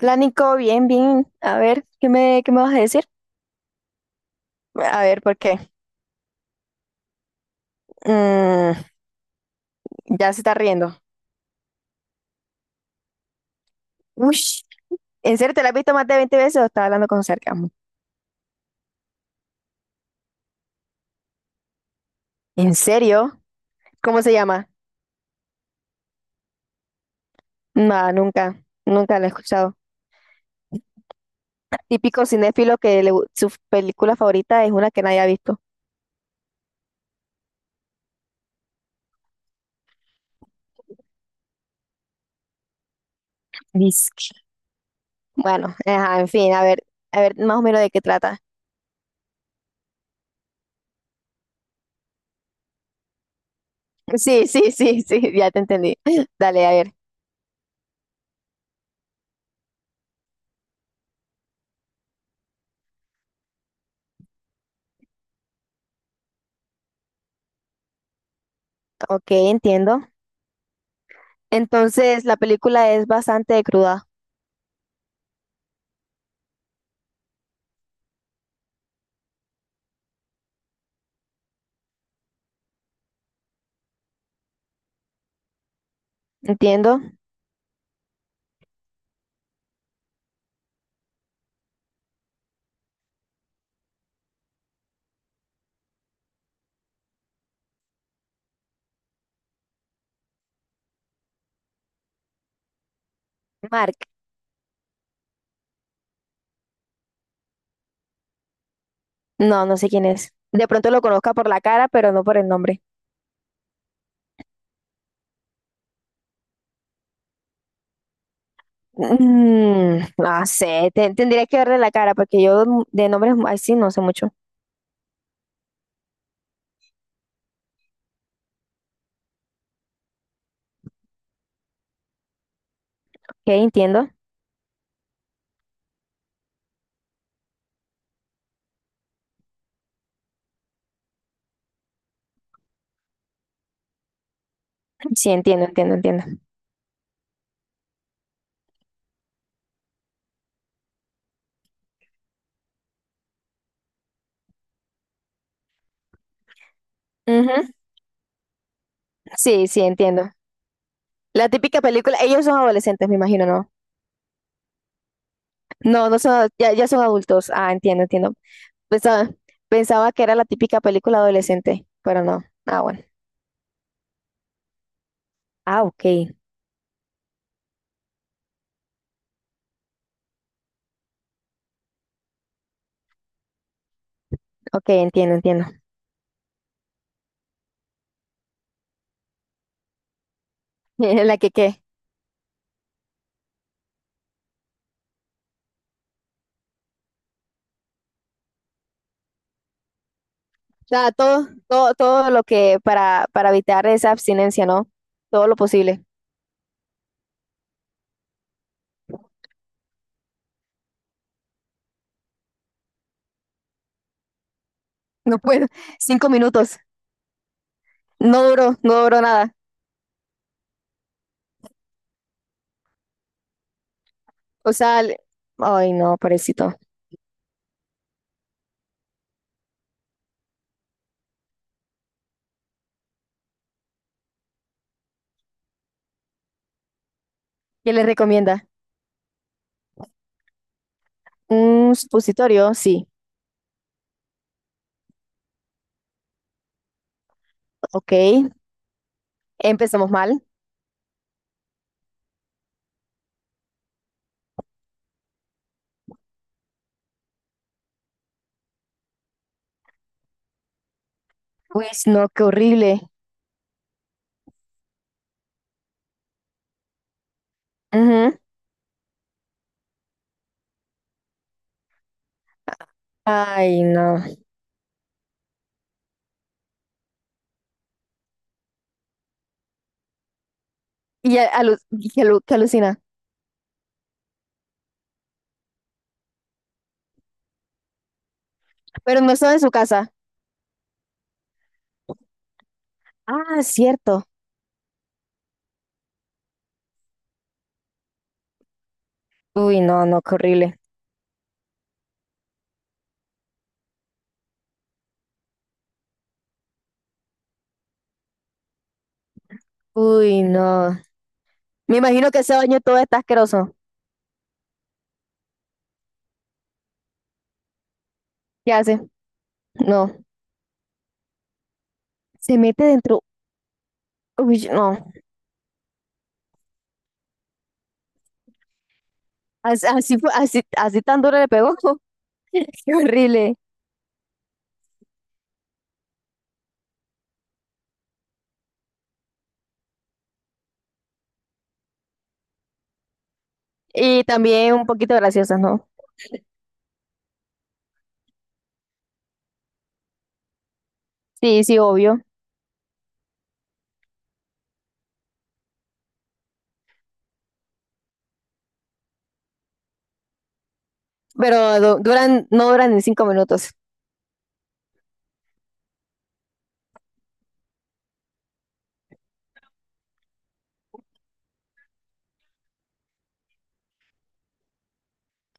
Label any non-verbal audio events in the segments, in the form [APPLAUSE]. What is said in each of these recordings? Hola Nico, bien, bien. A ver, ¿qué me vas a decir? A ver, ¿por qué? Mm, ya se está riendo. Uy, ¿en serio te la has visto más de 20 veces o estás hablando con sarcasmo? ¿En serio? ¿Cómo se llama? No, nunca la he escuchado. Típico cinéfilo que su película favorita es una que nadie ha visto. Disque. Bueno, ajá, en fin, a ver, más o menos de qué trata. Sí, sí, sí, [LAUGHS] sí, ya te entendí. [LAUGHS] Dale, a ver. Ok, entiendo. Entonces, la película es bastante cruda, entiendo. Mark. No, no sé quién es. De pronto lo conozca por la cara, pero no por el nombre. Mm, no sé, tendría que verle la cara porque yo de nombres así no sé mucho. Ok, entiendo. Sí, entiendo, entiendo, entiendo. Ujú. Sí, sí, entiendo. La típica película, ellos son adolescentes, me imagino, ¿no? No, no son, ya, ya son adultos. Ah, entiendo, entiendo. Pensaba, pensaba que era la típica película adolescente, pero no. Ah, bueno. Ah, ok, ok, entiendo, entiendo. [LAUGHS] La que, ¿qué? Sea, todo, todo, todo lo que para evitar esa abstinencia, ¿no? Todo lo posible. No puedo. [LAUGHS] Cinco minutos. No duró, no duró nada. O sea, le- ay, no, pobrecito. ¿Qué le recomienda? Un supositorio, sí. Ok. Empezamos mal. Pues no, qué horrible. Ujú. Ay, no. Y y que alucina. Pero no estaba en su casa. Ah, cierto. Uy, no, no, qué horrible. Uy, no. Me imagino que ese baño todo está asqueroso. ¿Qué hace? No, se mete dentro. Uy, no. Así, así, así tan duro le pegó. [LAUGHS] Qué horrible. Y también un poquito graciosas, ¿no? Sí, sí, obvio. Pero duran, no duran ni cinco minutos.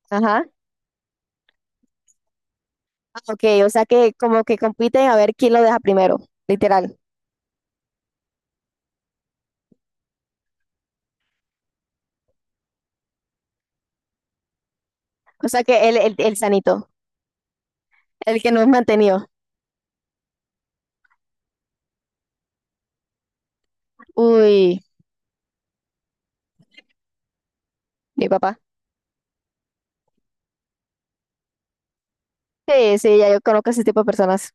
Ajá. Ah, ok, o sea que como que compiten a ver quién lo deja primero, literal. O sea que el sanito, el que no es mantenido. Uy, mi papá. Sí, sí, ya yo conozco ese tipo de personas.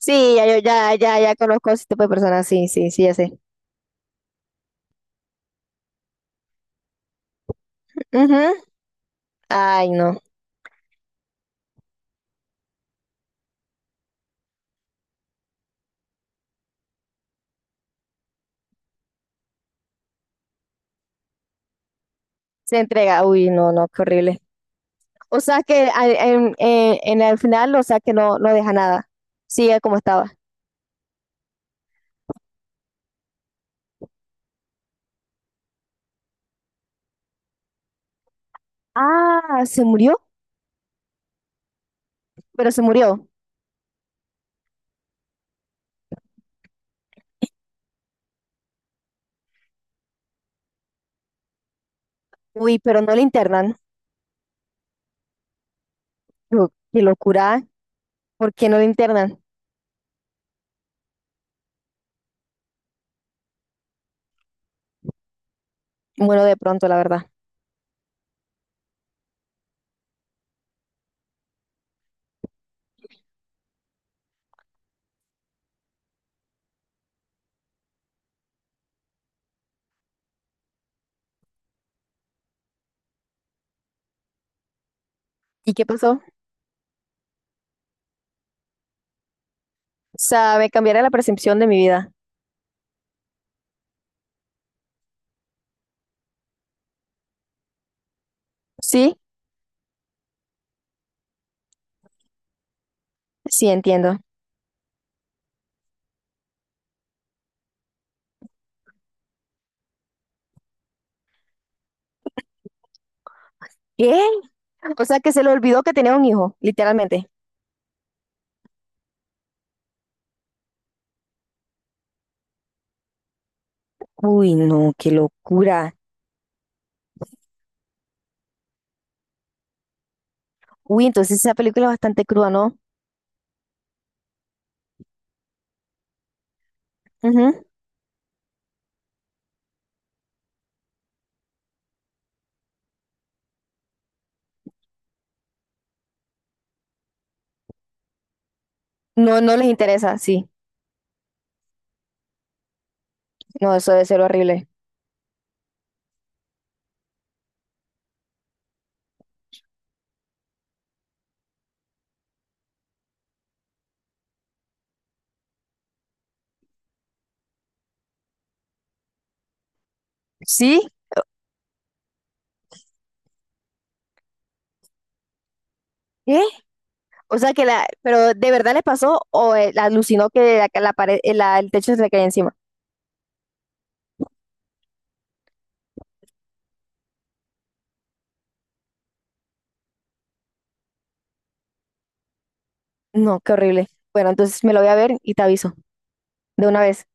Sí, ya yo ya, ya, ya conozco ese tipo de personas. Sí, sí, sí, ya sé. Ujú. Ay, no. Se entrega, uy, no, no, qué horrible. O sea que en, en el final, o sea que no, no deja nada. Sigue como estaba. Ah, se murió, pero se murió. Uy, pero no le internan. Yo, qué locura, ¿por qué no le internan? Bueno, de pronto, la verdad. ¿Y qué pasó? O sea, me cambiará la percepción de mi vida. Sí, sí, entiendo. ¿Qué? O sea que se le olvidó que tenía un hijo, literalmente. Uy, no, qué locura. Uy, entonces esa película es bastante cruda, ¿no? Ujú. No, no les interesa, sí. No, eso debe ser horrible. ¿Sí? ¿Qué? O sea que la, pero ¿de verdad le pasó o la alucinó que la pared, el techo se le caía encima? No, qué horrible. Bueno, entonces me lo voy a ver y te aviso de una vez.